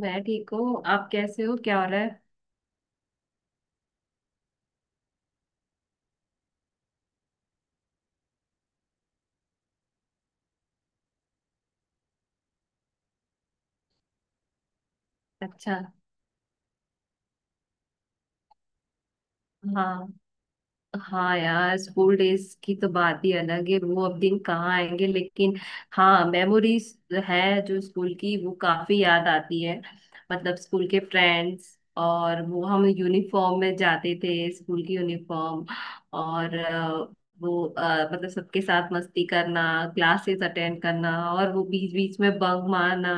मैं ठीक हूँ। आप कैसे हो? क्या हो रहा है? अच्छा। हाँ हाँ यार, स्कूल डेज की तो बात ही अलग है। वो अब दिन कहाँ आएंगे, लेकिन हाँ, मेमोरीज है जो स्कूल की, वो काफी याद आती है। मतलब स्कूल के फ्रेंड्स, और वो हम यूनिफॉर्म में जाते थे, स्कूल की यूनिफॉर्म। और वो मतलब सबके साथ मस्ती करना, क्लासेस अटेंड करना, और वो बीच बीच में बंक मारना।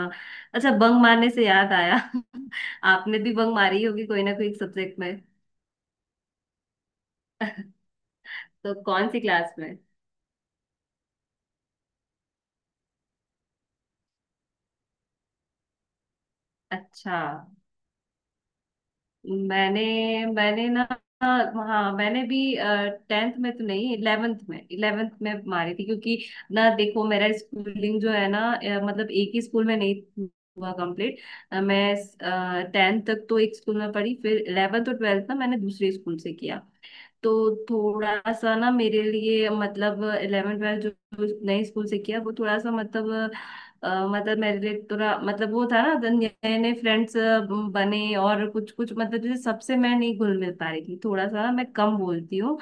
अच्छा, बंक मारने से याद आया। आपने भी बंक मारी होगी कोई ना कोई सब्जेक्ट में। तो कौन सी क्लास में? अच्छा। मैंने मैंने ना, हाँ मैंने भी, टेंथ में तो नहीं, इलेवेंथ में, इलेवेंथ में मारी थी, क्योंकि ना देखो, मेरा स्कूलिंग जो है ना, मतलब एक ही स्कूल में नहीं हुआ कंप्लीट। मैं टेंथ तक तो एक स्कूल में पढ़ी, फिर इलेवेंथ और ट्वेल्थ ना मैंने दूसरे स्कूल से किया। तो थोड़ा सा ना मेरे लिए, मतलब इलेवन ट्वेल्थ जो जो नए स्कूल से किया, वो थोड़ा सा मतलब मतलब मेरे लिए थोड़ा मतलब वो था ना, तो नए नए फ्रेंड्स बने, और कुछ कुछ मतलब जैसे सबसे मैं नहीं घुल मिल पा रही थी। थोड़ा सा ना मैं कम बोलती हूँ,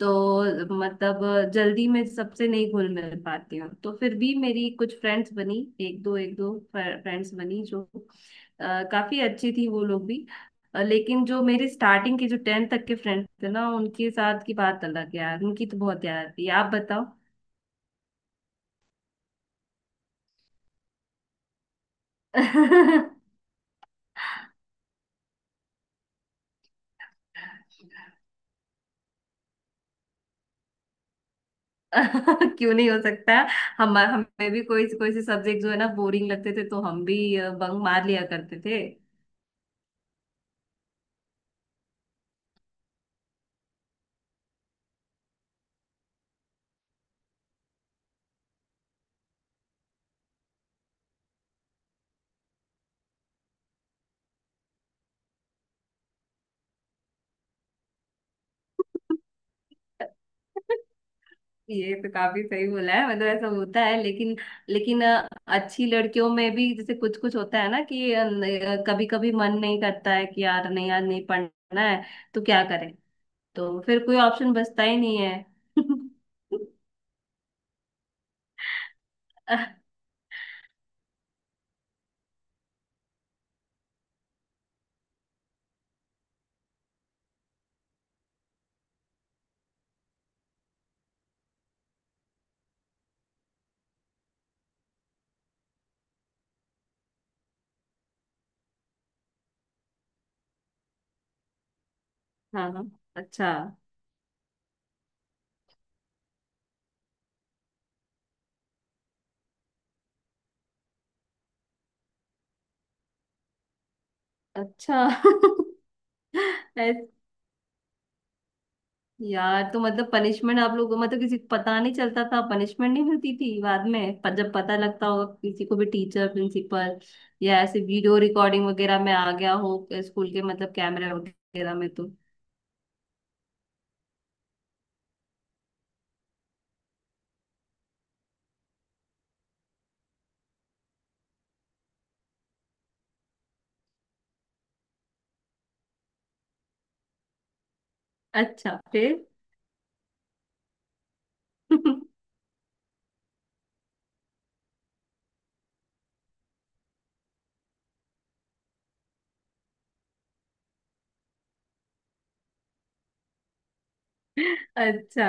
तो मतलब जल्दी मैं सबसे नहीं घुल मिल पाती हूँ। तो फिर भी मेरी कुछ फ्रेंड्स बनी, एक दो फ्रेंड्स बनी, जो काफी अच्छी थी वो लोग भी। लेकिन जो मेरे स्टार्टिंग के, जो टेंथ तक के फ्रेंड्स थे ना, उनके साथ की बात अलग है यार, उनकी तो बहुत याद थी। आप बताओ। क्यों नहीं हो सकता? हम हमें भी कोई कोई से सब्जेक्ट जो है ना बोरिंग लगते थे, तो हम भी बंक मार लिया करते थे। ये तो काफी सही बोला है, मतलब ऐसा होता है, लेकिन लेकिन अच्छी लड़कियों में भी जैसे कुछ कुछ होता है ना कि कभी कभी मन नहीं करता है कि यार नहीं, यार नहीं पढ़ना है, तो क्या करें? तो फिर कोई ऑप्शन बचता ही नहीं है। हाँ। अच्छा। अच्छा। ऐसे यार, तो मतलब पनिशमेंट आप लोगों को, मतलब किसी को पता नहीं चलता था? पनिशमेंट नहीं मिलती थी बाद में? पर जब पता लगता होगा किसी को भी, टीचर, प्रिंसिपल, या ऐसे वीडियो रिकॉर्डिंग वगैरह में आ गया हो स्कूल के, मतलब कैमरे वगैरह में तो? अच्छा, फिर? अच्छा।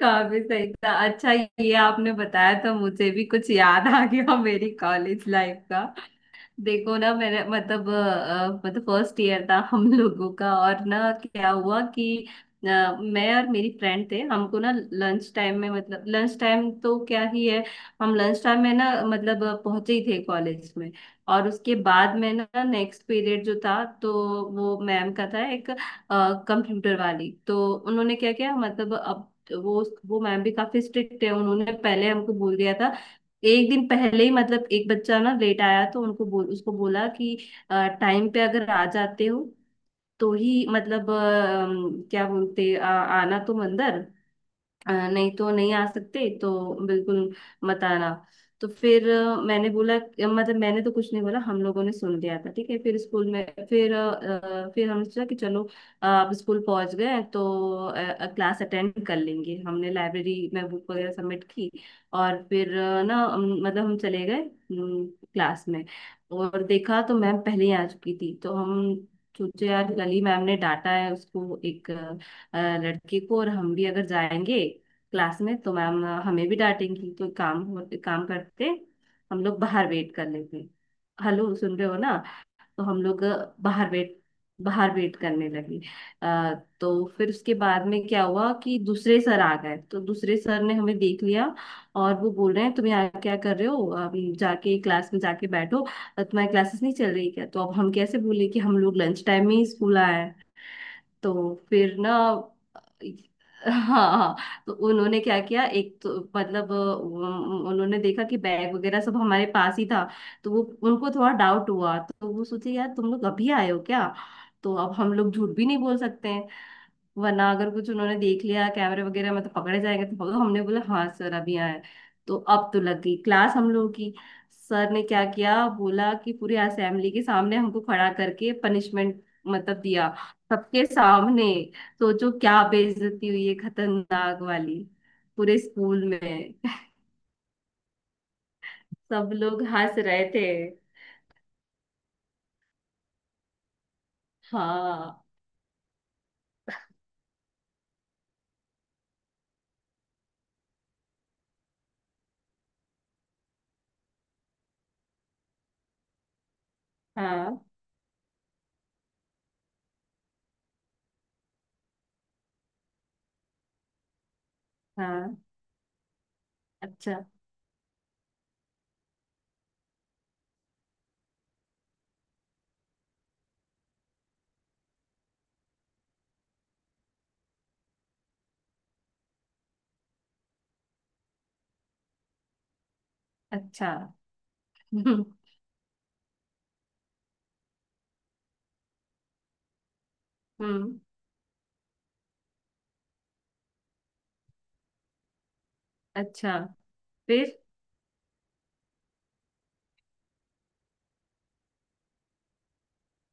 काफी सही था। अच्छा, ये आपने बताया तो मुझे भी कुछ याद आ गया मेरी कॉलेज लाइफ का। देखो ना, मैंने मतलब मतलब फर्स्ट ईयर था हम लोगों का, और ना क्या हुआ कि अ, मैं और मेरी फ्रेंड थे, हमको ना लंच टाइम में, मतलब लंच टाइम तो क्या ही है, हम लंच टाइम में ना मतलब पहुंचे ही थे कॉलेज में। और उसके बाद में ना नेक्स्ट पीरियड जो था, तो वो मैम का था एक, कंप्यूटर वाली। तो उन्होंने क्या किया मतलब, अब वो मैम भी काफी स्ट्रिक्ट है। उन्होंने पहले हमको बोल दिया था, एक दिन पहले ही, मतलब एक बच्चा ना लेट आया तो उनको बोल उसको बोला कि टाइम पे अगर आ जाते हो तो ही, मतलब क्या बोलते, आना तुम अंदर, नहीं तो नहीं आ सकते, तो बिल्कुल मत आना। तो फिर मैंने बोला, मतलब मैंने तो कुछ नहीं बोला, हम लोगों ने सुन लिया था, ठीक है। फिर स्कूल में फिर फिर हमने सोचा कि चलो अब स्कूल पहुंच गए हैं, तो क्लास अटेंड कर लेंगे। हमने लाइब्रेरी में बुक वगैरह सबमिट की, और फिर ना मतलब हम चले गए क्लास में, और देखा तो मैम पहले ही आ चुकी थी। तो हम सोचे यार, कल ही मैम ने डांटा है उसको एक लड़के को, और हम भी अगर जाएंगे क्लास में तो मैम हमें भी डांटेंगी। तो काम एक काम करते, हम लोग बाहर वेट कर लेते। हेलो, सुन रहे हो ना? तो हम लोग बाहर वेट बाहर वेट करने लगे। अ, तो फिर उसके बाद में क्या हुआ कि दूसरे सर आ गए, तो दूसरे सर ने हमें देख लिया, और वो बोल रहे हैं, तुम यहाँ क्या कर रहे हो? अभी जाके क्लास में, जाके बैठो। तुम्हारी क्लासेस नहीं चल रही क्या? तो अब हम कैसे बोले कि हम लोग लंच टाइम में ही स्कूल आए। तो फिर ना, हाँ, हाँ, तो उन्होंने क्या किया, एक तो मतलब उन्होंने देखा कि बैग वगैरह सब हमारे पास ही था, तो वो, उनको थोड़ा डाउट हुआ, तो वो सोचे यार तुम लोग अभी आए हो क्या? तो अब हम लोग झूठ भी नहीं बोल सकते हैं, वरना अगर कुछ उन्होंने देख लिया कैमरे वगैरह में तो पकड़े जाएंगे, तो पकड़ो। हमने बोला, हाँ सर अभी आए। तो अब तो लग गई क्लास हम लोगों की। सर ने क्या किया, बोला कि पूरी असेंबली के सामने हमको खड़ा करके पनिशमेंट मतलब दिया, सबके सामने। सोचो क्या बेइज्जती हुई है, खतरनाक वाली, पूरे स्कूल में। सब लोग हंस रहे थे। हाँ हाँ हाँ। अच्छा। अच्छा। हम्म। अच्छा फिर?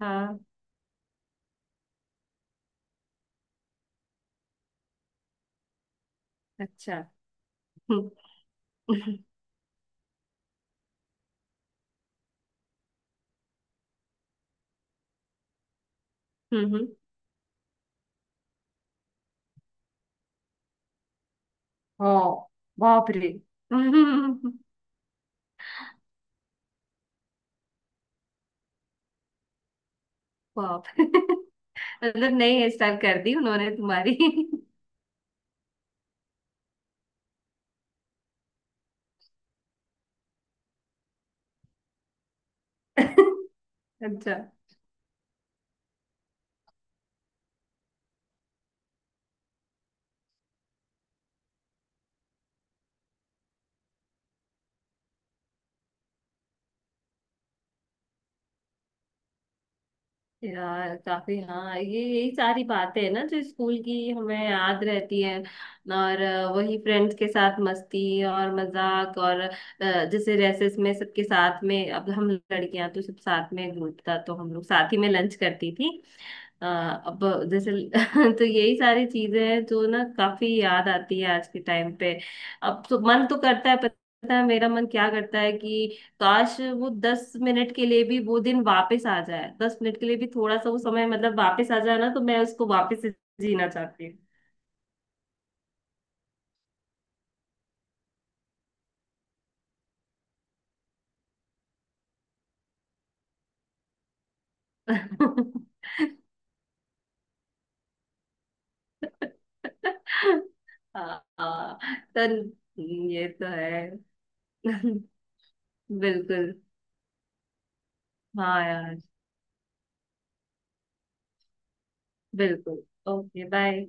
हाँ। अच्छा। हम्म। हाँ। बाप रे। हम्म। बाप। मतलब नई हेयर स्टाइल कर दी उन्होंने तुम्हारी? अच्छा। यार काफी, हाँ, ये यही सारी बातें हैं ना जो स्कूल की हमें याद रहती है। और वही फ्रेंड्स के साथ मस्ती और मजाक, और जैसे रेसेस में सबके साथ में, अब हम लड़कियां तो सब साथ में ग्रुप था तो हम लोग साथ ही में लंच करती थी। अब जैसे। तो यही सारी चीजें हैं जो ना काफी याद आती है आज के टाइम पे। अब तो मन तो करता है, पता है मेरा मन क्या करता है कि काश वो 10 मिनट के लिए भी, वो दिन वापस आ जाए 10 मिनट के लिए भी, थोड़ा सा वो समय मतलब वापस आ जाए ना, तो मैं उसको वापस से जीना चाहती हूँ। हाँ। तो ये तो है। बिल्कुल। हाँ यार। बिल्कुल। Okay, bye.